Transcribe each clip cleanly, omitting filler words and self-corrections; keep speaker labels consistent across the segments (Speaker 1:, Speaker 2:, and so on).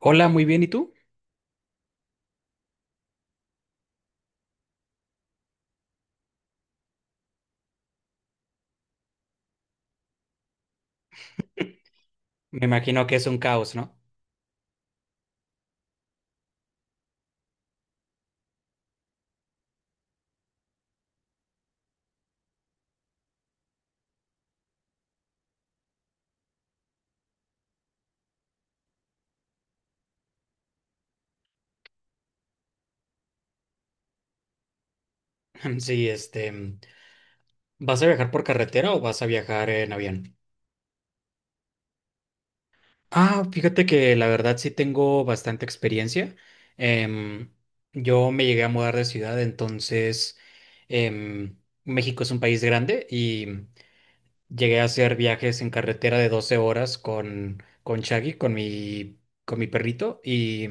Speaker 1: Hola, muy bien, ¿y tú? Me imagino que es un caos, ¿no? Sí, ¿vas a viajar por carretera o vas a viajar en avión? Ah, fíjate que la verdad sí tengo bastante experiencia. Em, yo me llegué a mudar de ciudad, entonces em, México es un país grande y llegué a hacer viajes en carretera de 12 horas con Shaggy, con mi perrito, y,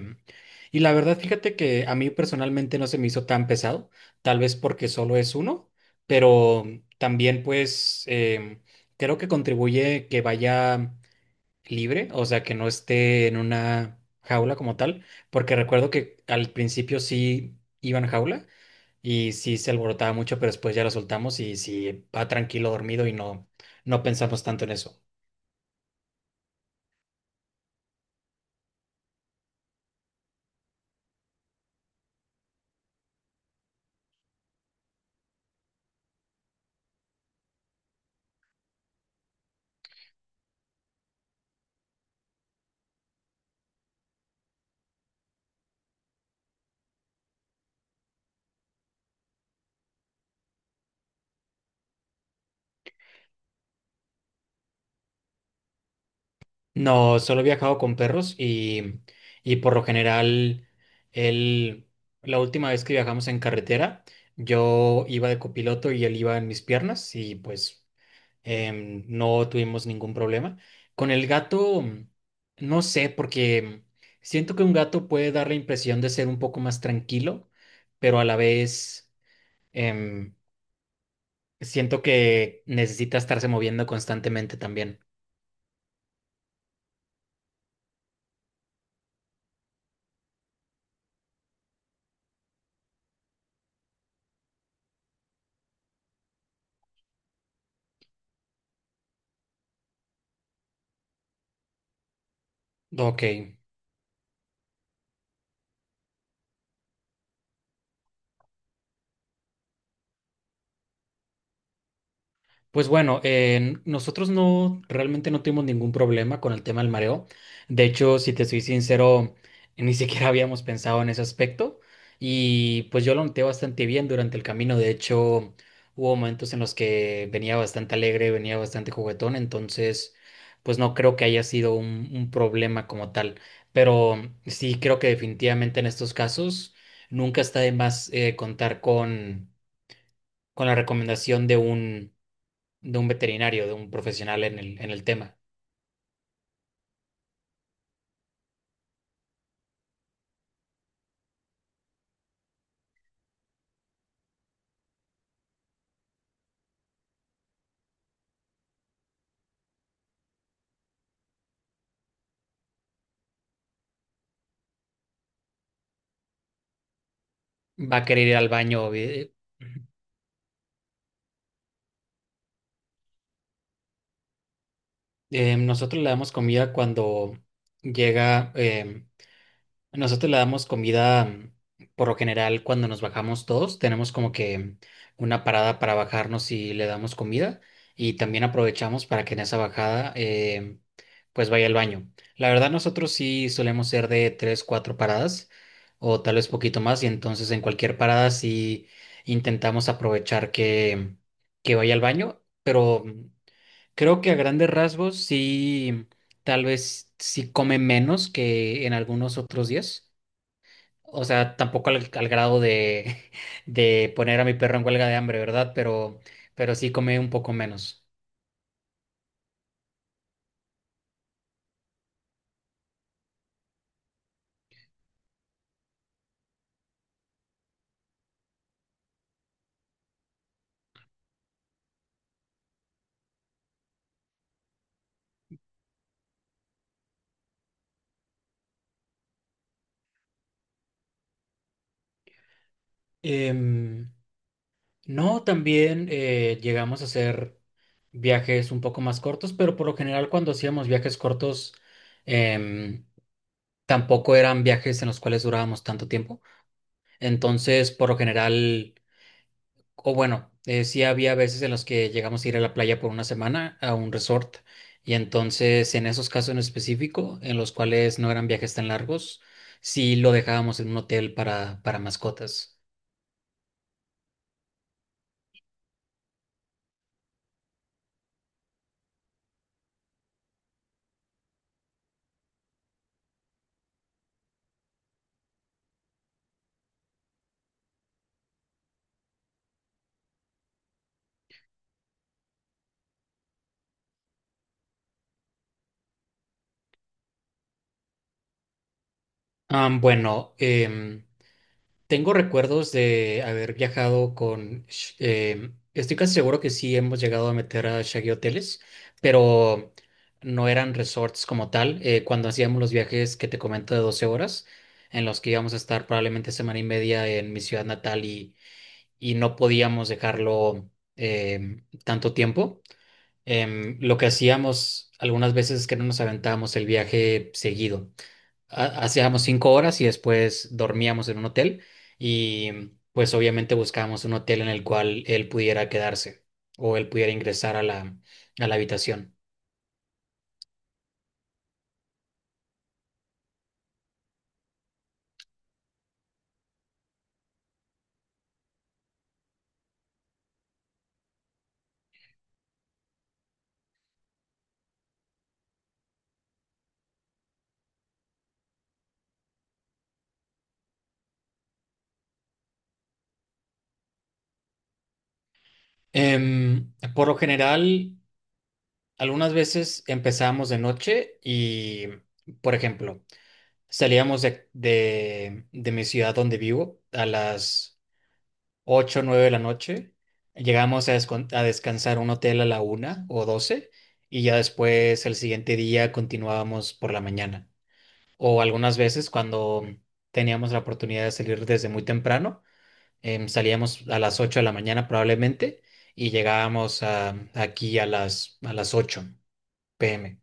Speaker 1: y la verdad, fíjate que a mí personalmente no se me hizo tan pesado, tal vez porque solo es uno, pero también pues creo que contribuye que vaya libre, o sea, que no esté en una jaula como tal, porque recuerdo que al principio sí iba en jaula y sí se alborotaba mucho, pero después ya lo soltamos y sí va tranquilo dormido y no, no pensamos tanto en eso. No, solo he viajado con perros y por lo general, él, la última vez que viajamos en carretera, yo iba de copiloto y él iba en mis piernas y pues no tuvimos ningún problema. Con el gato, no sé, porque siento que un gato puede dar la impresión de ser un poco más tranquilo, pero a la vez, em, siento que necesita estarse moviendo constantemente también. Ok, pues bueno, nosotros no realmente no tuvimos ningún problema con el tema del mareo. De hecho, si te soy sincero, ni siquiera habíamos pensado en ese aspecto. Y pues yo lo noté bastante bien durante el camino. De hecho, hubo momentos en los que venía bastante alegre, venía bastante juguetón. Entonces, pues no creo que haya sido un problema como tal. Pero sí creo que definitivamente en estos casos nunca está de más contar con la recomendación de un veterinario, de un profesional en el tema. Va a querer ir al baño. Nosotros le damos comida cuando llega. Nosotros le damos comida, por lo general, cuando nos bajamos todos, tenemos como que una parada para bajarnos y le damos comida y también aprovechamos para que en esa bajada pues vaya al baño. La verdad, nosotros sí solemos ser de tres, cuatro paradas o tal vez poquito más y entonces en cualquier parada sí intentamos aprovechar que vaya al baño, pero creo que a grandes rasgos sí, tal vez sí come menos que en algunos otros días. O sea, tampoco al grado de, de poner a mi perro en huelga de hambre, ¿verdad? Pero, sí come un poco menos. Em, no, también llegamos a hacer viajes un poco más cortos, pero por lo general cuando hacíamos viajes cortos, em, tampoco eran viajes en los cuales durábamos tanto tiempo. Entonces, por lo general. O bueno, sí había veces en los que llegamos a ir a la playa por una semana a un resort y entonces en esos casos en específico, en los cuales no eran viajes tan largos, sí lo dejábamos en un hotel para mascotas. Ah, bueno, tengo recuerdos de haber viajado con. Estoy casi seguro que sí hemos llegado a meter a Shaggy hoteles, pero no eran resorts como tal. Cuando hacíamos los viajes que te comento de 12 horas, en los que íbamos a estar probablemente semana y media en mi ciudad natal y no podíamos dejarlo tanto tiempo, lo que hacíamos algunas veces es que no nos aventábamos el viaje seguido hacíamos 5 horas y después dormíamos en un hotel y pues obviamente buscábamos un hotel en el cual él pudiera quedarse o él pudiera ingresar a la, habitación. Por lo general, algunas veces empezábamos de noche y, por ejemplo, salíamos de mi ciudad donde vivo a las 8 o 9 de la noche. Llegamos a descansar a un hotel a la 1 o 12 y ya después el siguiente día continuábamos por la mañana. O algunas veces cuando teníamos la oportunidad de salir desde muy temprano, salíamos a las 8 de la mañana probablemente y llegábamos aquí a las 8 p.m.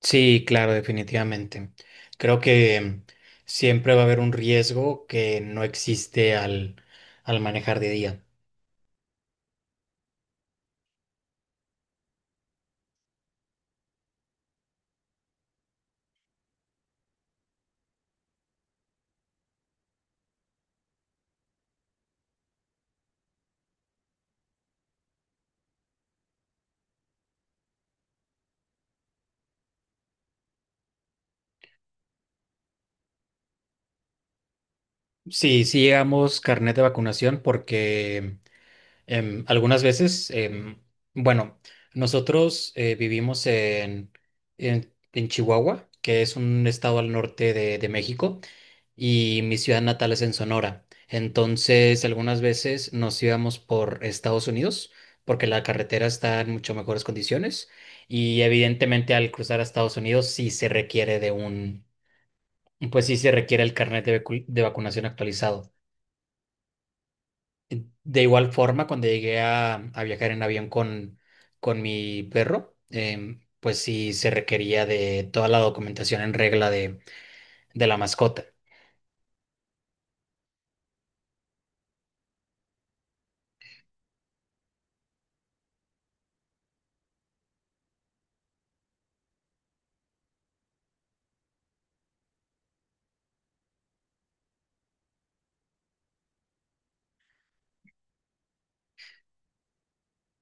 Speaker 1: Sí, claro, definitivamente. Creo que siempre va a haber un riesgo que no existe al manejar de día. Sí, sí llegamos carnet de vacunación porque algunas veces, bueno, nosotros vivimos en Chihuahua, que es un estado al norte de México, y mi ciudad natal es en Sonora. Entonces, algunas veces nos íbamos por Estados Unidos porque la carretera está en mucho mejores condiciones y evidentemente al cruzar a Estados Unidos sí se requiere pues sí se requiere el carnet de vacunación actualizado. De igual forma, cuando llegué a viajar en avión con mi perro, pues sí se requería de toda la documentación en regla de la mascota.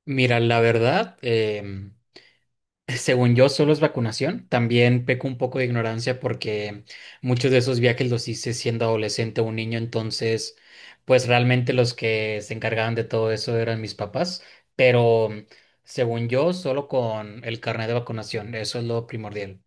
Speaker 1: Mira, la verdad, según yo, solo es vacunación. También peco un poco de ignorancia porque muchos de esos viajes los hice siendo adolescente o un niño, entonces, pues realmente los que se encargaban de todo eso eran mis papás, pero según yo, solo con el carnet de vacunación, eso es lo primordial.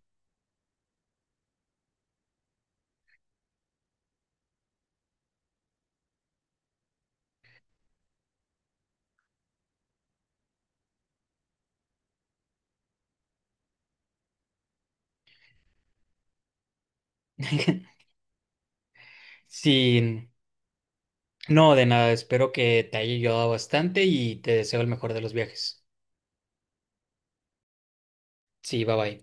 Speaker 1: Sí, no, de nada, espero que te haya ayudado bastante y te deseo el mejor de los viajes. Sí, bye bye.